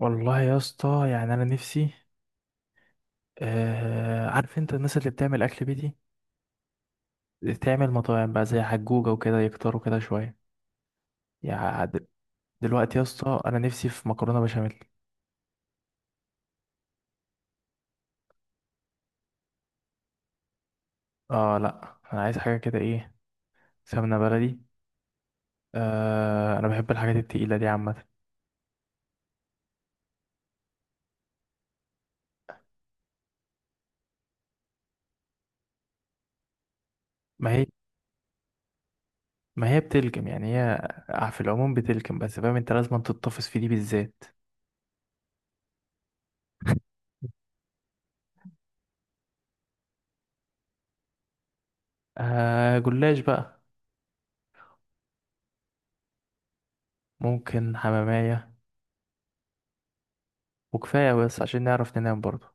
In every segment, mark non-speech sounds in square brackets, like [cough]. والله يا اسطى، يعني انا نفسي. آه، عارف انت الناس اللي بتعمل اكل بيتي تعمل مطاعم بقى زي حجوجة وكده يكتروا كده شوية. يعني دلوقتي يا اسطى انا نفسي في مكرونة بشاميل. اه لا، انا عايز حاجة كده ايه، سمنة بلدي. آه، انا بحب الحاجات التقيلة دي عامة. ما هي ما هي بتلكم يعني هي في العموم بتلكم، بس فاهم انت لازم تتطفس في دي بالذات. آه، جلاش بقى. ممكن حمامية، وكفاية بس عشان نعرف ننام برضه.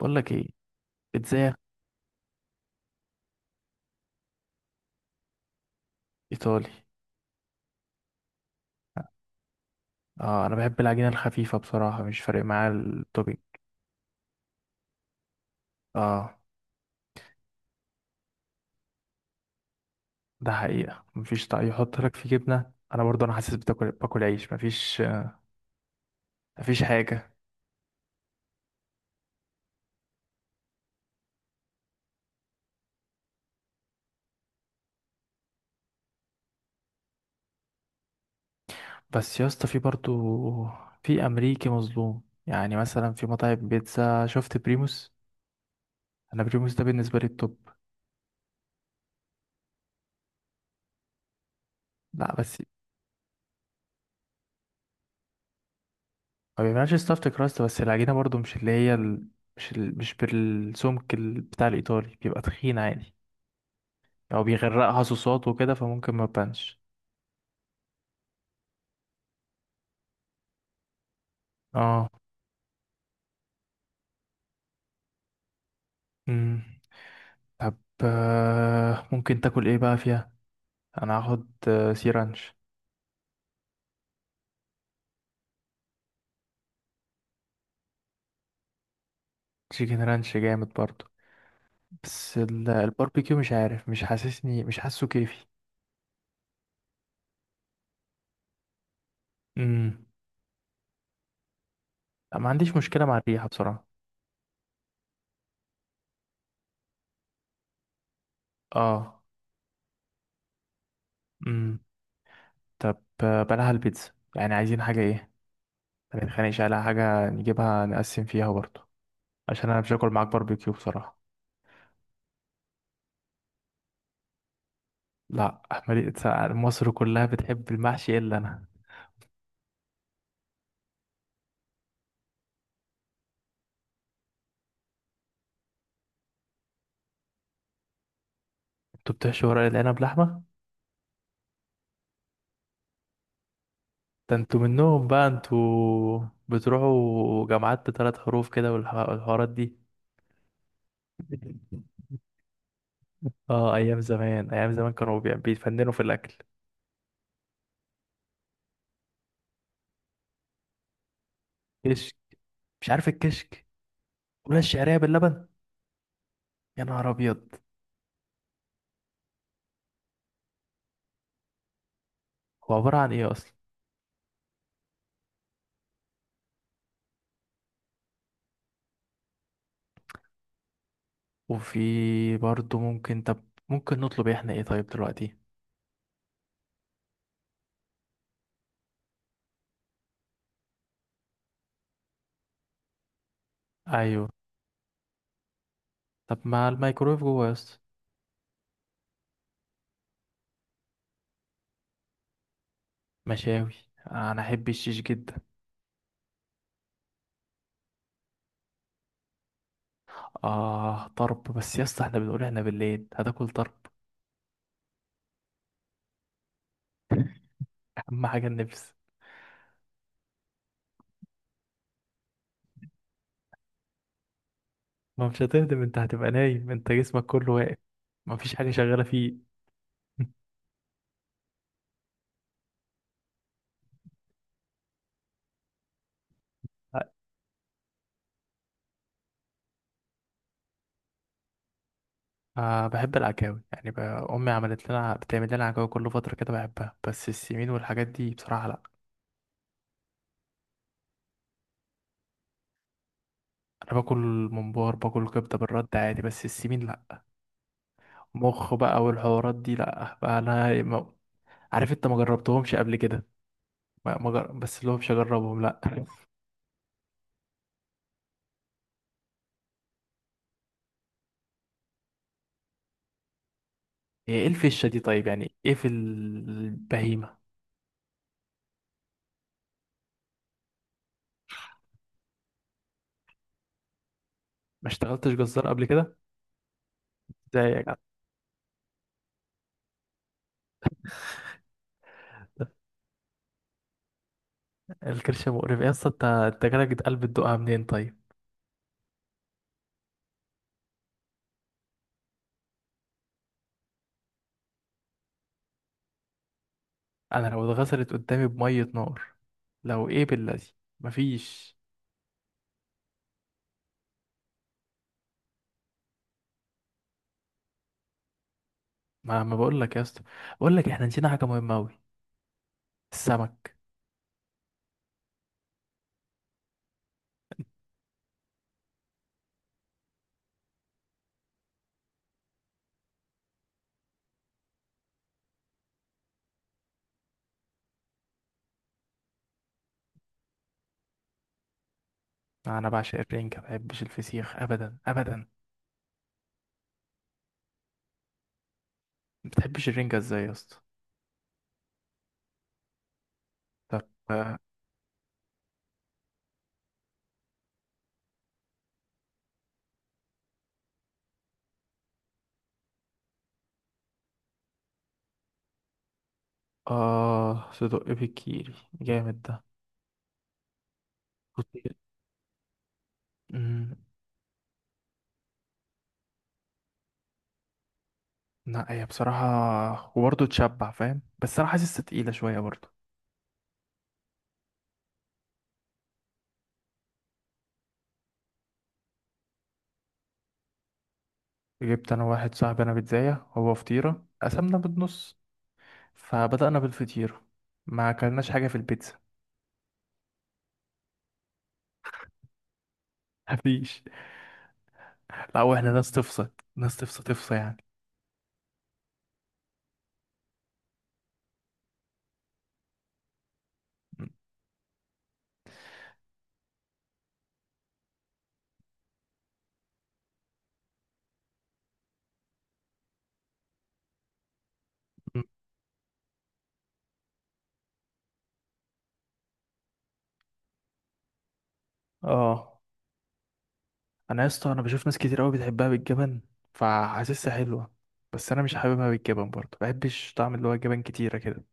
بقول لك ايه، ازاي؟ ايطالي. اه، انا بحب العجينه الخفيفه بصراحه، مش فارق معايا التوبينج. اه، ده حقيقه مفيش طعم يحط لك فيه جبنه، انا برضو انا حاسس بتاكل باكل عيش، مفيش حاجه. بس يا اسطى في برضو في امريكي مظلوم، يعني مثلا في مطاعم بيتزا شفت بريموس. انا بريموس ده بالنسبه لي التوب. لا بس ما بيعملش ستافت كراست، بس العجينه برضو مش اللي هي مش بالسمك بتاع الايطالي، بيبقى تخين عادي. او بيغرقها صوصات وكده فممكن ما تبانش. اه. مم. طب، آه، ممكن تاكل ايه بقى فيها؟ انا هاخد سي رانش. تشيكن رانش جامد برضو، بس الباربيكيو مش عارف، مش حاسسني، مش حاسه كيفي. امم ما عنديش مشكلة مع الريحة بصراحة. اه. امم طب، بلاها البيتزا، يعني عايزين حاجة ايه؟ ما نتخانقش على حاجة، نجيبها نقسم فيها برضو، عشان انا مش هاكل معاك باربيكيو بصراحة. لا، مالي- مصر كلها بتحب المحشي الا انا. انتوا بتحشوا ورق العنب لحمة؟ ده انتوا منهم بقى، انتوا بتروحوا جامعات بثلاث حروف كده والحوارات دي. اه، ايام زمان ايام زمان كانوا بيتفننوا في الاكل. كشك، مش عارف الكشك. ولا الشعريه باللبن، يا نهار ابيض. هو عباره عن ايه اصلا؟ وفي برضه ممكن، طب ممكن نطلب احنا ايه طيب دلوقتي؟ ايوه. طب ما الميكرويف جوه يا اسطى. مشاوي. انا احب الشيش جدا. اه طرب، بس يا اسطى احنا بنقول احنا بالليل هتاكل طرب؟ اهم حاجه النفس. ما مش هتهدم، انت هتبقى نايم، انت جسمك كله واقف، ما فيش حاجة شغالة فيه. [laughs] أه، بحب العكاوي، يعني أمي عملت لنا، بتعمل لنا عكاوي كل فترة كده بحبها، بس السمين والحاجات دي بصراحة لأ. أنا باكل، ممبار باكل كبدة بالرد عادي، بس السمين لأ. مخ بقى والحوارات دي لأ بقى، أنا ما... عارف أنت ما جربتهمش قبل كده. ما... ما جر... بس اللي هو مش هجربهم لأ. [laughs] إيه الفشة دي طيب، يعني إيه في البهيمة؟ ما اشتغلتش جزار قبل كده زيك؟ الكرش مقرف يا اسطى، انت انت جالك قلب تدوقها منين طيب؟ انا لو اتغسلت قدامي بميه نار، لو ايه بالذي، مفيش. ما بقول لك يا اسطى، بقول لك احنا نسينا حاجه مهمه قوي. السمك. انا بعشق الرنجه، ما بحبش الفسيخ ابدا ابدا. ما بتحبش الرنجه ازاي يا اسطى؟ طب، اه، آه، صدق بالكيري، جامد ده. كنت. امم لا هي بصراحه وبرضه تشبع فاهم، بس انا حاسسها تقيله شويه برضه. جبت انا واحد صاحبي انا بيتزاية، هو فطيرة، قسمنا بالنص، فبدأنا بالفطيرة، ما اكلناش حاجة في البيتزا. [laughs] مفيش. لا، واحنا ناس تفصل، ناس تفصل تفصل يعني. م- اه، انا يا اسطى انا بشوف ناس كتير قوي بتحبها بالجبن، فحاسسها حلوة، بس انا مش حاببها بالجبن برضه، بحبش طعم اللي هو جبن كتيرة كده.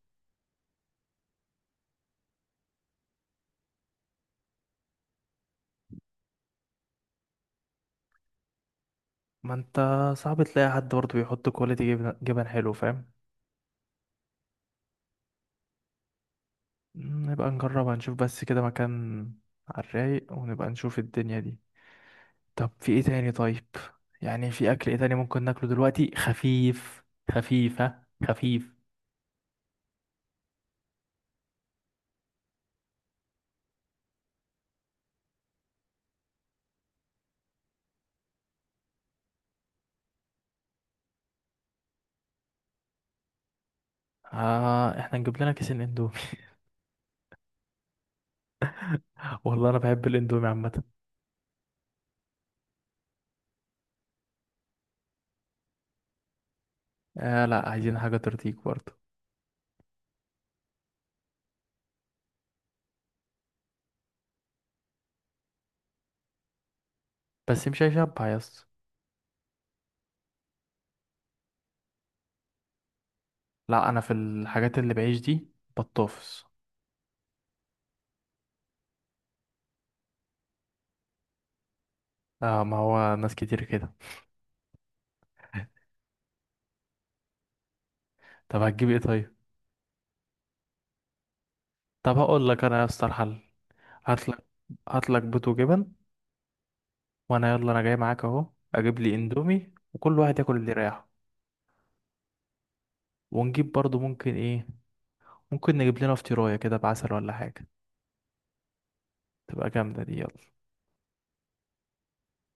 ما انت صعب تلاقي حد برضه بيحط كواليتي جبن، جبن حلو فاهم. م، نبقى نجربها نشوف، بس كده مكان على الرايق، ونبقى نشوف الدنيا دي. طب في ايه تاني طيب؟ يعني في اكل ايه تاني ممكن ناكله دلوقتي خفيف؟ خفيف ها خفيف. آه، احنا نجيب لنا كيسين اندومي. [laughs] والله انا بحب الاندومي عامه. آه لا، عايزين حاجه ترضيك برضه. بس مش هيشبع يا اسطى. لا انا في الحاجات اللي بعيش دي بطوفس. آه، ما هو ناس كتير كده. طب هتجيب ايه طيب؟ طب هقول لك انا يا اسطى الحل. هات لك هات لك بيض وجبن، وانا يلا انا جاي معاك اهو، اجيب لي اندومي، وكل واحد ياكل اللي رايحه. ونجيب برضه ممكن ايه، ممكن نجيب لنا فطيرايه كده بعسل ولا حاجه، تبقى جامده دي. يلا.